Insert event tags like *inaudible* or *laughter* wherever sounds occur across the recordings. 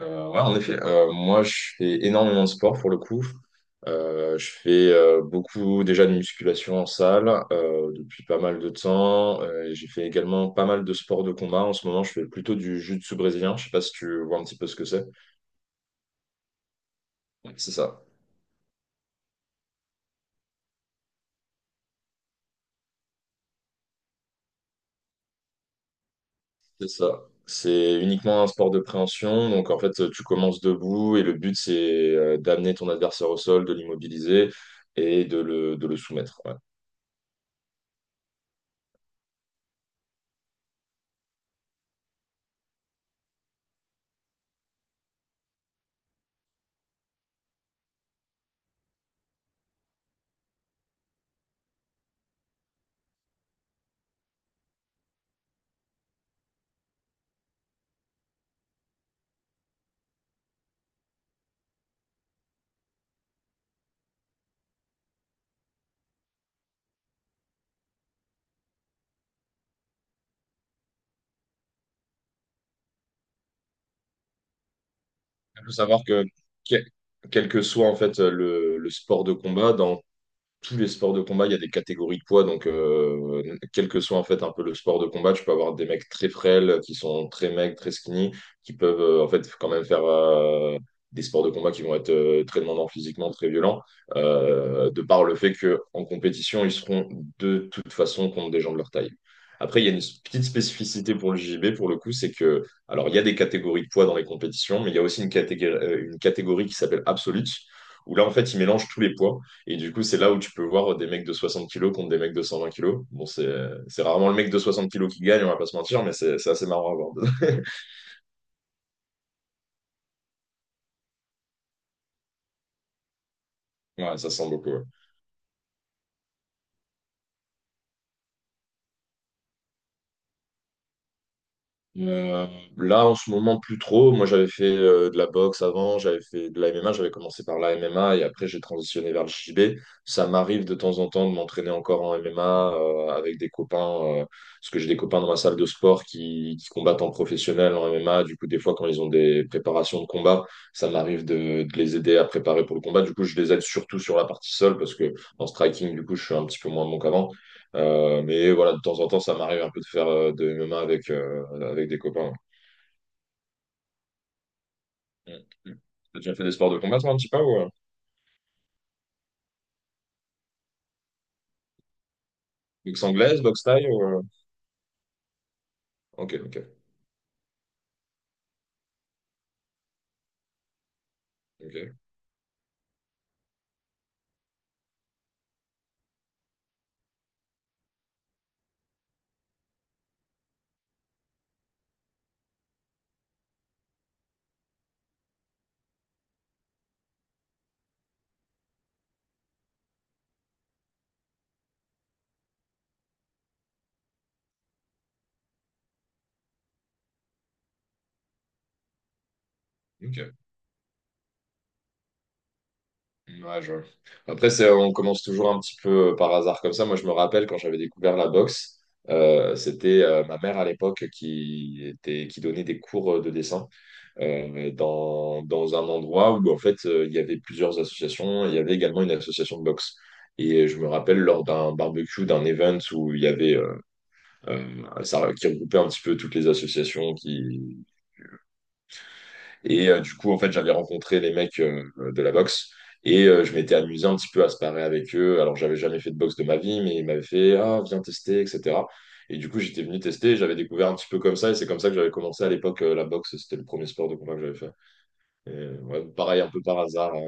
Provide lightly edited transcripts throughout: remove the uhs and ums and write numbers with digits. Ouais, en effet, moi je fais énormément de sport pour le coup. Je fais beaucoup déjà de musculation en salle depuis pas mal de temps. Et j'ai fait également pas mal de sports de combat. En ce moment, je fais plutôt du jiu-jitsu brésilien. Je sais pas si tu vois un petit peu ce que c'est. Ouais, c'est ça. C'est uniquement un sport de préhension. Donc en fait, tu commences debout et le but c'est d'amener ton adversaire au sol, de l'immobiliser et de le soumettre. Ouais. Il faut savoir que quel que soit en fait le sport de combat, dans tous les sports de combat, il y a des catégories de poids. Donc, quel que soit en fait un peu le sport de combat, tu peux avoir des mecs très frêles, qui sont très maigres, très skinny, qui peuvent en fait quand même faire des sports de combat qui vont être très demandants physiquement, très violents, de par le fait que en compétition, ils seront de toute façon contre des gens de leur taille. Après, il y a une petite spécificité pour le JJB, pour le coup, c'est que, alors, il y a des catégories de poids dans les compétitions, mais il y a aussi une catégorie qui s'appelle Absolute, où là, en fait, ils mélangent tous les poids. Et du coup, c'est là où tu peux voir des mecs de 60 kilos contre des mecs de 120 kilos. Bon, c'est rarement le mec de 60 kilos qui gagne, on va pas se mentir, mais c'est assez marrant à voir. *laughs* Ouais, ça sent beaucoup, ouais. Euh, Là, en ce moment, plus trop. Moi, j'avais fait de la boxe avant, j'avais fait de la MMA, j'avais commencé par la MMA et après, j'ai transitionné vers le JB. Ça m'arrive de temps en temps de m'entraîner encore en MMA avec des copains, parce que j'ai des copains dans ma salle de sport qui combattent en professionnel en MMA. Du coup, des fois, quand ils ont des préparations de combat, ça m'arrive de les aider à préparer pour le combat. Du coup, je les aide surtout sur la partie seule parce que en striking, du coup, je suis un petit peu moins bon qu'avant. Mais voilà, de temps en temps, ça m'arrive un peu de faire de MMA avec, avec des copains. Mm, mm. T'as déjà fait des sports de combat, toi, un petit peu, ou, boxe anglaise, boxe thaï, ou, Ok, ok, ok, ok. Ouais, Après, on commence toujours un petit peu par hasard comme ça. Moi, je me rappelle quand j'avais découvert la boxe, c'était ma mère à l'époque qui donnait des cours de dessin, dans, dans un endroit où en fait il y avait plusieurs associations, il y avait également une association de boxe. Et je me rappelle lors d'un barbecue, d'un event où il y avait euh, ça qui regroupait un petit peu toutes les associations qui et du coup en fait j'avais rencontré les mecs de la boxe et je m'étais amusé un petit peu à se parer avec eux. Alors j'avais jamais fait de boxe de ma vie, mais ils m'avaient fait ah viens tester etc. Et du coup j'étais venu tester, j'avais découvert un petit peu comme ça et c'est comme ça que j'avais commencé à l'époque la boxe. C'était le premier sport de combat que j'avais fait. Ouais, pareil, un peu par hasard, hein.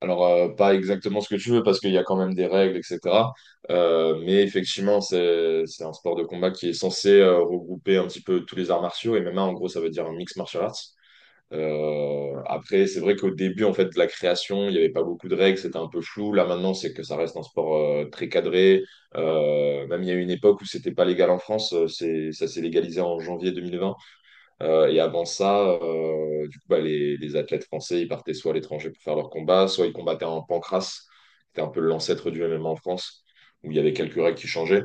Alors, pas exactement ce que tu veux parce qu'il y a quand même des règles, etc. Mais effectivement, c'est un sport de combat qui est censé regrouper un petit peu tous les arts martiaux. Et même en gros, ça veut dire un mix martial arts. Après, c'est vrai qu'au début, en fait, de la création, il n'y avait pas beaucoup de règles, c'était un peu flou. Là, maintenant, c'est que ça reste un sport très cadré. Même il y a eu une époque où c'était pas légal en France. C'est, ça s'est légalisé en janvier 2020. Et avant ça, du coup, bah, les athlètes français, ils partaient soit à l'étranger pour faire leur combat, soit ils combattaient en pancrace, qui était un peu l'ancêtre du MMA en France, où il y avait quelques règles qui changeaient.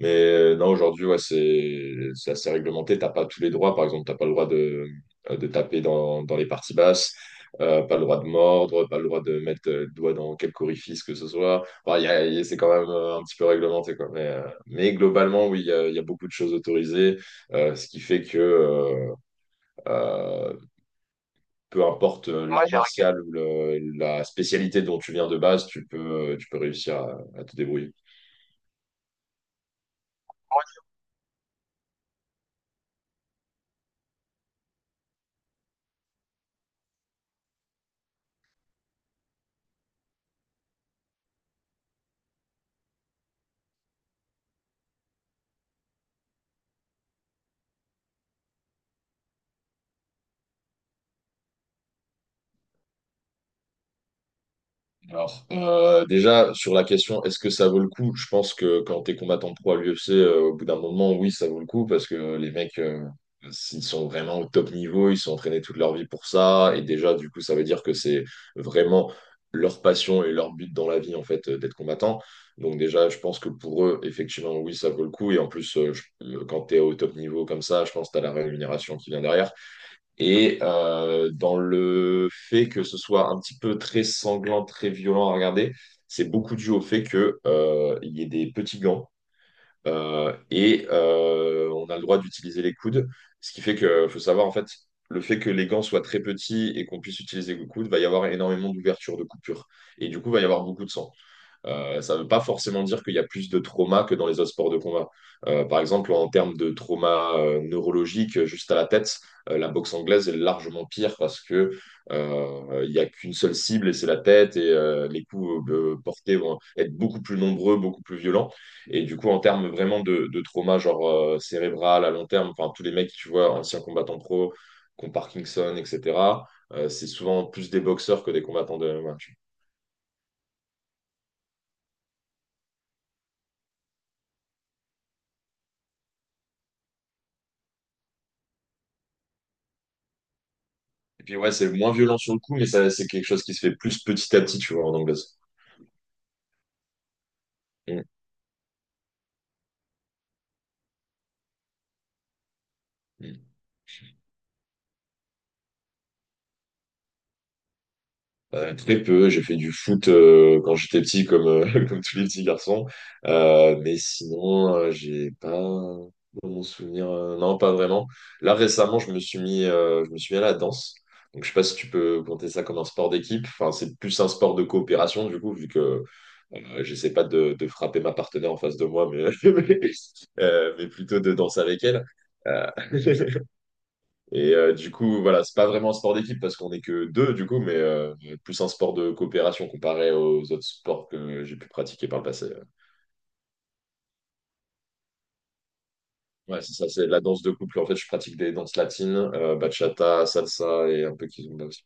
Mais non, aujourd'hui, ouais, c'est assez réglementé. T'as pas tous les droits. Par exemple, t'as pas le droit de taper dans les parties basses, pas le droit de mordre, pas le droit de mettre le doigt dans quelque orifice que ce soit. Enfin, c'est quand même un petit peu réglementé, quoi. Mais globalement, oui, il y a beaucoup de choses autorisées, ce qui fait que euh, peu importe l'art Moi, j'ai martial ou la spécialité dont tu viens de base, tu peux réussir à te débrouiller. Alors, déjà, sur la question, est-ce que ça vaut le coup? Je pense que quand t'es combattant pro à l'UFC, au bout d'un moment, oui, ça vaut le coup parce que les mecs, s'ils sont vraiment au top niveau, ils sont entraînés toute leur vie pour ça. Et déjà, du coup, ça veut dire que c'est vraiment leur passion et leur but dans la vie, en fait, d'être combattant. Donc, déjà, je pense que pour eux, effectivement, oui, ça vaut le coup. Et en plus, quand t'es au top niveau comme ça, je pense que t'as la rémunération qui vient derrière et dans le fait que ce soit un petit peu très sanglant, très violent à regarder, c'est beaucoup dû au fait que il y ait des petits gants et on a le droit d'utiliser les coudes, ce qui fait que faut savoir en fait le fait que les gants soient très petits et qu'on puisse utiliser le coude, va y avoir énormément d'ouvertures, de coupures et du coup va y avoir beaucoup de sang. Ça ne veut pas forcément dire qu'il y a plus de trauma que dans les autres sports de combat. Par exemple, en termes de trauma neurologique, juste à la tête, la boxe anglaise est largement pire parce que il n'y a qu'une seule cible et c'est la tête et les coups portés vont être beaucoup plus nombreux, beaucoup plus violents. Et du coup, en termes vraiment de trauma, genre cérébral à long terme, enfin tous les mecs, tu vois, anciens combattants pro, qui ont Parkinson, etc., c'est souvent plus des boxeurs que des combattants de MMA. Et puis ouais, c'est moins violent sur le coup, mais ça, c'est quelque chose qui se fait plus petit à petit, tu vois, en anglaise. Mm. Mm. Très peu. J'ai fait du foot quand j'étais petit, comme, *laughs* comme tous les petits garçons. Mais sinon, j'ai pas dans mon souvenir, non, pas vraiment. Là, récemment, je me suis mis à la danse. Donc, je sais pas si tu peux compter ça comme un sport d'équipe. Enfin, c'est plus un sport de coopération, du coup, vu que j'essaie pas de frapper ma partenaire en face de moi, mais, *laughs* mais plutôt de danser avec elle. Euh, *laughs* Et du coup, voilà, c'est pas vraiment un sport d'équipe parce qu'on est que deux, du coup, mais plus un sport de coopération comparé aux autres sports que j'ai pu pratiquer par le passé. Ouais, c'est ça, c'est la danse de couple. En fait, je pratique des danses latines, bachata, salsa et un peu kizomba aussi.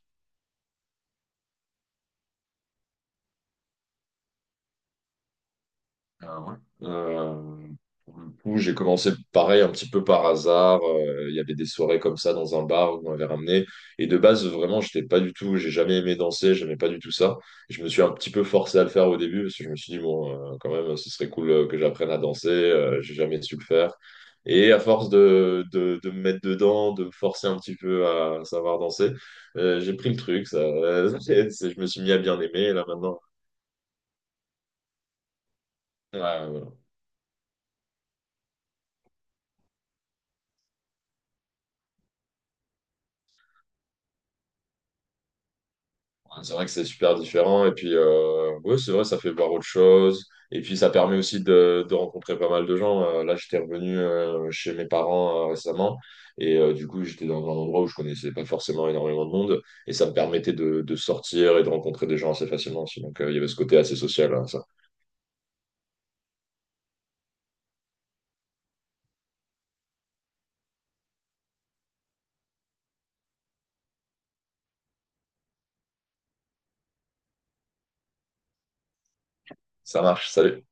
Ah ouais. Euh, pour le coup, j'ai commencé pareil un petit peu par hasard. Il y avait des soirées comme ça dans un bar où on m'avait ramené. Et de base, vraiment, j'étais pas du tout, j'ai jamais aimé danser, j'aimais pas du tout ça. Je me suis un petit peu forcé à le faire au début parce que je me suis dit, bon, quand même, ce serait cool que j'apprenne à danser. J'ai jamais su le faire. Et à force de me mettre dedans, de me forcer un petit peu à savoir danser, j'ai pris le truc. Ça, *laughs* je me suis mis à bien aimer. Et là maintenant, ouais, voilà. Ouais, c'est vrai que c'est super différent. Et puis, ouais, c'est vrai, ça fait voir autre chose. Et puis, ça permet aussi de rencontrer pas mal de gens. Là, j'étais revenu chez mes parents récemment. Et du coup, j'étais dans un endroit où je connaissais pas forcément énormément de monde. Et ça me permettait de sortir et de rencontrer des gens assez facilement aussi. Donc, il y avait ce côté assez social, hein, ça. Ça marche. Salut.